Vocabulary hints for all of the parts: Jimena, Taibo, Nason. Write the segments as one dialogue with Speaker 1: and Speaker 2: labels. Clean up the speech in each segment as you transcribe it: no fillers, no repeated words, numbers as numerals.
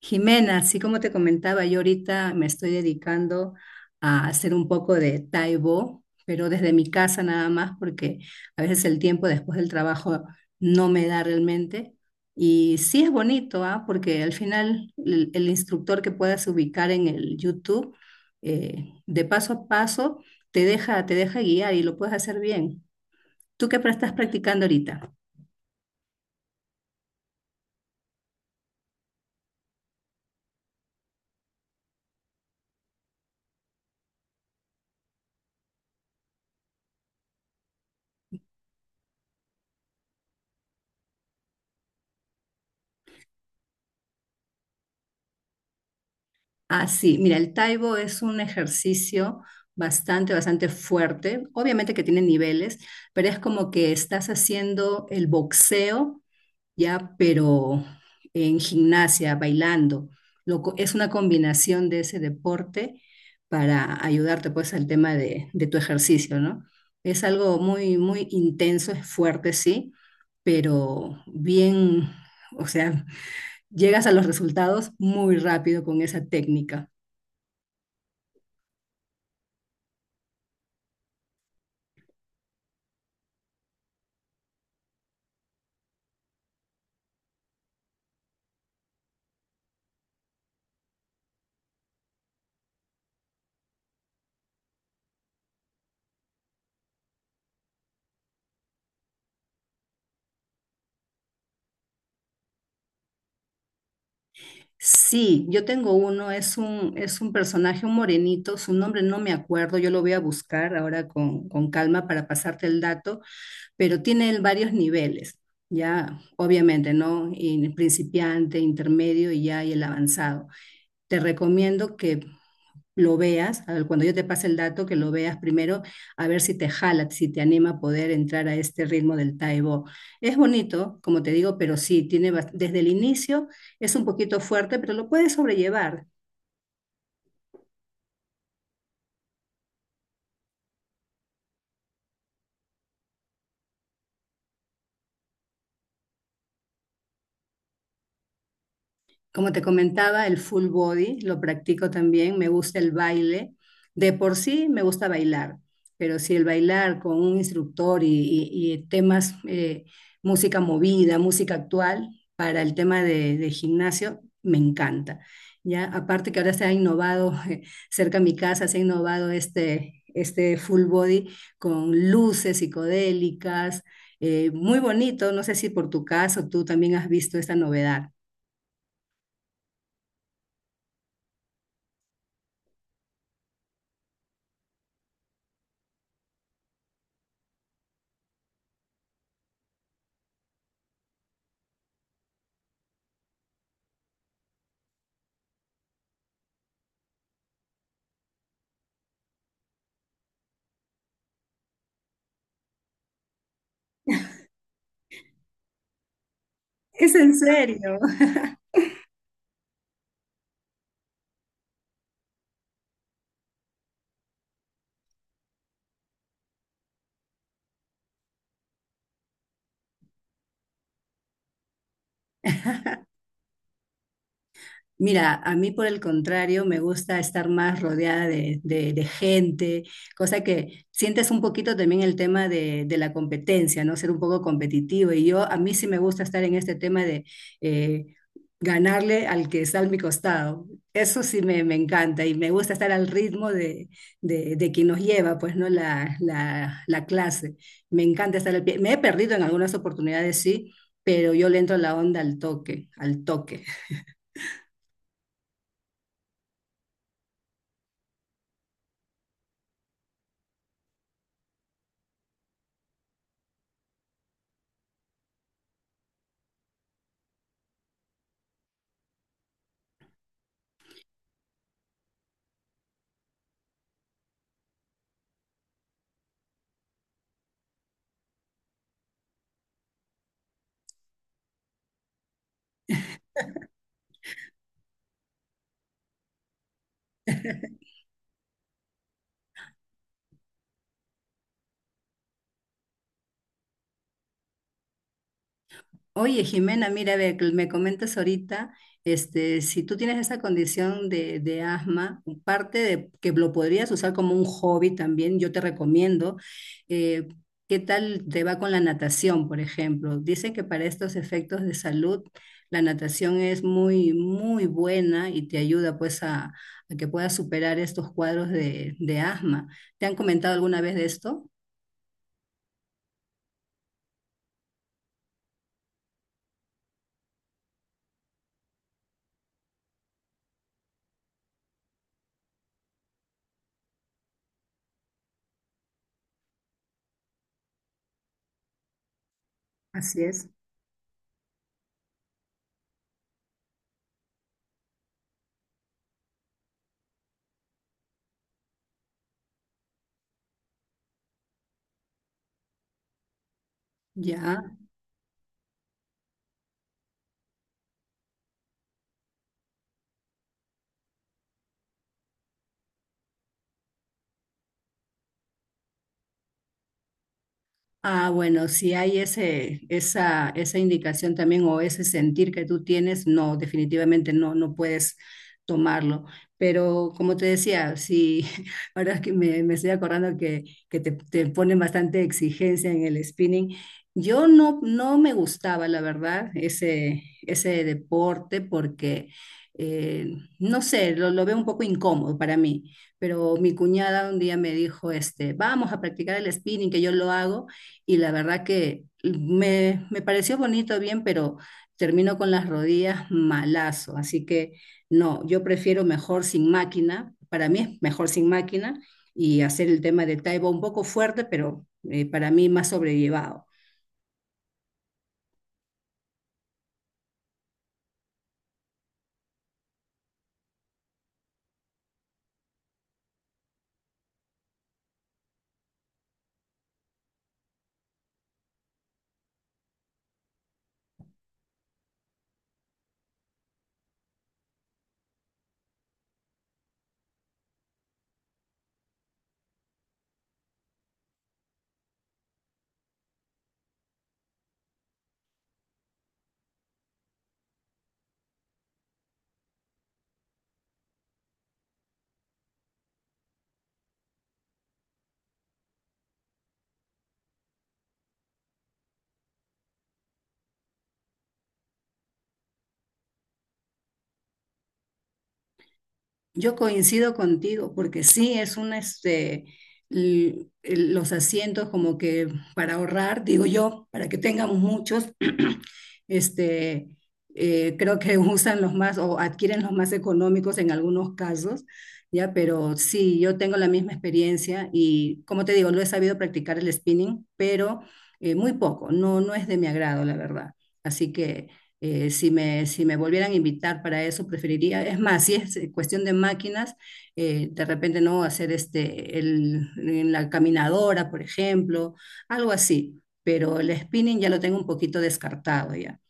Speaker 1: Jimena, así como te comentaba, yo ahorita me estoy dedicando a hacer un poco de Taibo, pero desde mi casa nada más, porque a veces el tiempo después del trabajo no me da realmente. Y sí es bonito, ¿ah? Porque al final el instructor que puedas ubicar en el YouTube, de paso a paso, te deja guiar y lo puedes hacer bien. ¿Tú estás practicando ahorita? Ah, sí, mira, el Taibo es un ejercicio bastante fuerte. Obviamente que tiene niveles, pero es como que estás haciendo el boxeo, ya, pero en gimnasia, bailando. Es una combinación de ese deporte para ayudarte, pues, al tema de tu ejercicio, ¿no? Es algo muy intenso, es fuerte, sí, pero bien, o sea, llegas a los resultados muy rápido con esa técnica. Sí, yo tengo uno, es un personaje, un morenito, su nombre no me acuerdo, yo lo voy a buscar ahora con calma para pasarte el dato, pero tiene él varios niveles, ya obviamente, ¿no? En principiante, intermedio y ya y el avanzado. Te recomiendo que lo veas, a ver, cuando yo te pase el dato, que lo veas primero, a ver si te jala, si te anima a poder entrar a este ritmo del taibo. Es bonito, como te digo, pero sí, desde el inicio es un poquito fuerte, pero lo puedes sobrellevar. Como te comentaba, el full body lo practico también, me gusta el baile. De por sí me gusta bailar, pero si el bailar con un instructor y temas, música movida, música actual, para el tema de gimnasio, me encanta. Ya, aparte que ahora se ha innovado, cerca de mi casa se ha innovado este full body con luces psicodélicas, muy bonito. No sé si por tu caso tú también has visto esta novedad. Es en serio. Mira, a mí por el contrario me gusta estar más rodeada de gente, cosa que sientes un poquito también el tema de la competencia, ¿no? Ser un poco competitivo. Y yo, a mí sí me gusta estar en este tema de eh, ganarle al que está a mi costado. Eso sí me encanta y me gusta estar al ritmo de quien nos lleva, pues, ¿no? La clase. Me encanta estar al pie. Me he perdido en algunas oportunidades, sí, pero yo le entro la onda al toque, al toque. Oye, Jimena, mira, a ver, que me comentas ahorita, este, si tú tienes esa condición de asma, parte de que lo podrías usar como un hobby también, yo te recomiendo. eh, ¿Qué tal te va con la natación, por ejemplo? Dicen que para estos efectos de salud, la natación es muy buena y te ayuda pues a que puedas superar estos cuadros de asma. ¿Te han comentado alguna vez de esto? Así es. Ya. Ah, bueno, si hay esa indicación también o ese sentir que tú tienes, no, definitivamente no puedes tomarlo. Pero como te decía, si ahora es que me estoy acordando que te ponen bastante exigencia en el spinning, yo no me gustaba, la verdad, ese deporte porque, eh, no sé, lo veo un poco incómodo para mí. Pero mi cuñada un día me dijo, este, vamos a practicar el spinning, que yo lo hago y la verdad que me pareció bonito, bien, pero termino con las rodillas malazo, así que no, yo prefiero mejor sin máquina, para mí es mejor sin máquina y hacer el tema de Taibo un poco fuerte, pero para mí más sobrellevado. Yo coincido contigo, porque sí es una, este, los asientos como que para ahorrar, digo yo, para que tengamos muchos, este, creo que usan los más o adquieren los más económicos en algunos casos, ya, pero sí, yo tengo la misma experiencia y como te digo, lo he sabido practicar el spinning, pero muy poco, no, no es de mi agrado, la verdad. Así que si me, si me volvieran a invitar para eso, preferiría, es más, si es cuestión de máquinas, de repente no hacer en la caminadora, por ejemplo, algo así, pero el spinning ya lo tengo un poquito descartado ya,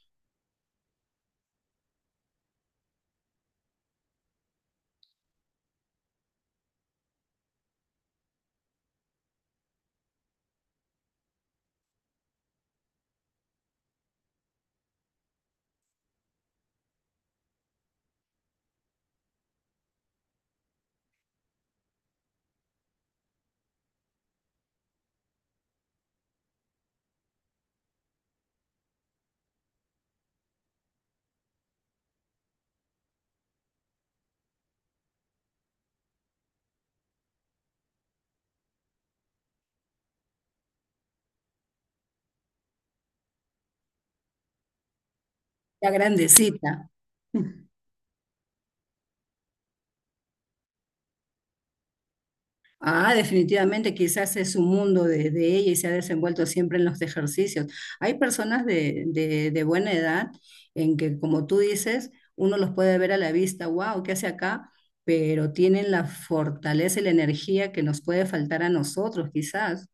Speaker 1: la grandecita. Ah, definitivamente, quizás es un mundo de ella y se ha desenvuelto siempre en los ejercicios. Hay personas de buena edad en que, como tú dices, uno los puede ver a la vista, wow, ¿qué hace acá? Pero tienen la fortaleza y la energía que nos puede faltar a nosotros, quizás.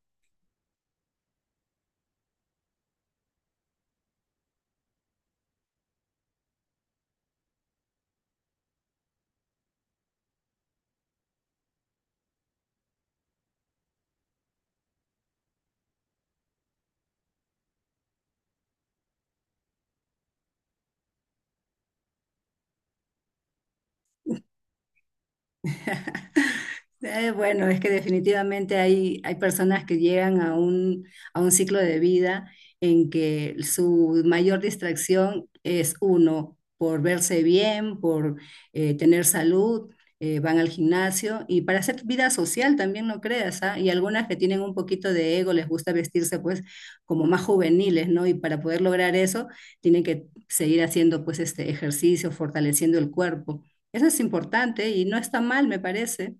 Speaker 1: Bueno, es que definitivamente hay personas que llegan a un ciclo de vida en que su mayor distracción es uno, por verse bien, por tener salud, van al gimnasio y para hacer vida social también, no creas, ¿ah? Y algunas que tienen un poquito de ego, les gusta vestirse pues como más juveniles, ¿no? Y para poder lograr eso, tienen que seguir haciendo pues este ejercicio, fortaleciendo el cuerpo. Eso es importante y no está mal, me parece.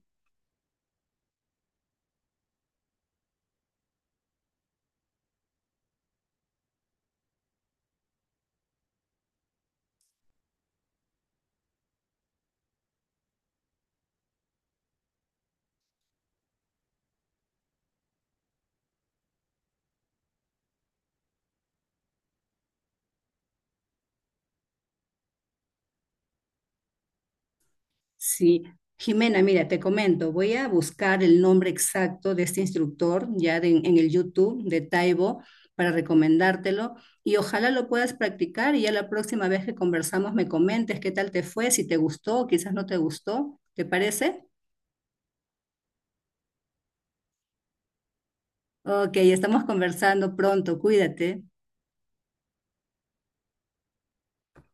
Speaker 1: Sí. Jimena, mira, te comento, voy a buscar el nombre exacto de este instructor en el YouTube de Taibo para recomendártelo y ojalá lo puedas practicar y ya la próxima vez que conversamos me comentes qué tal te fue, si te gustó, quizás no te gustó, ¿te parece? Ok, estamos conversando pronto, cuídate.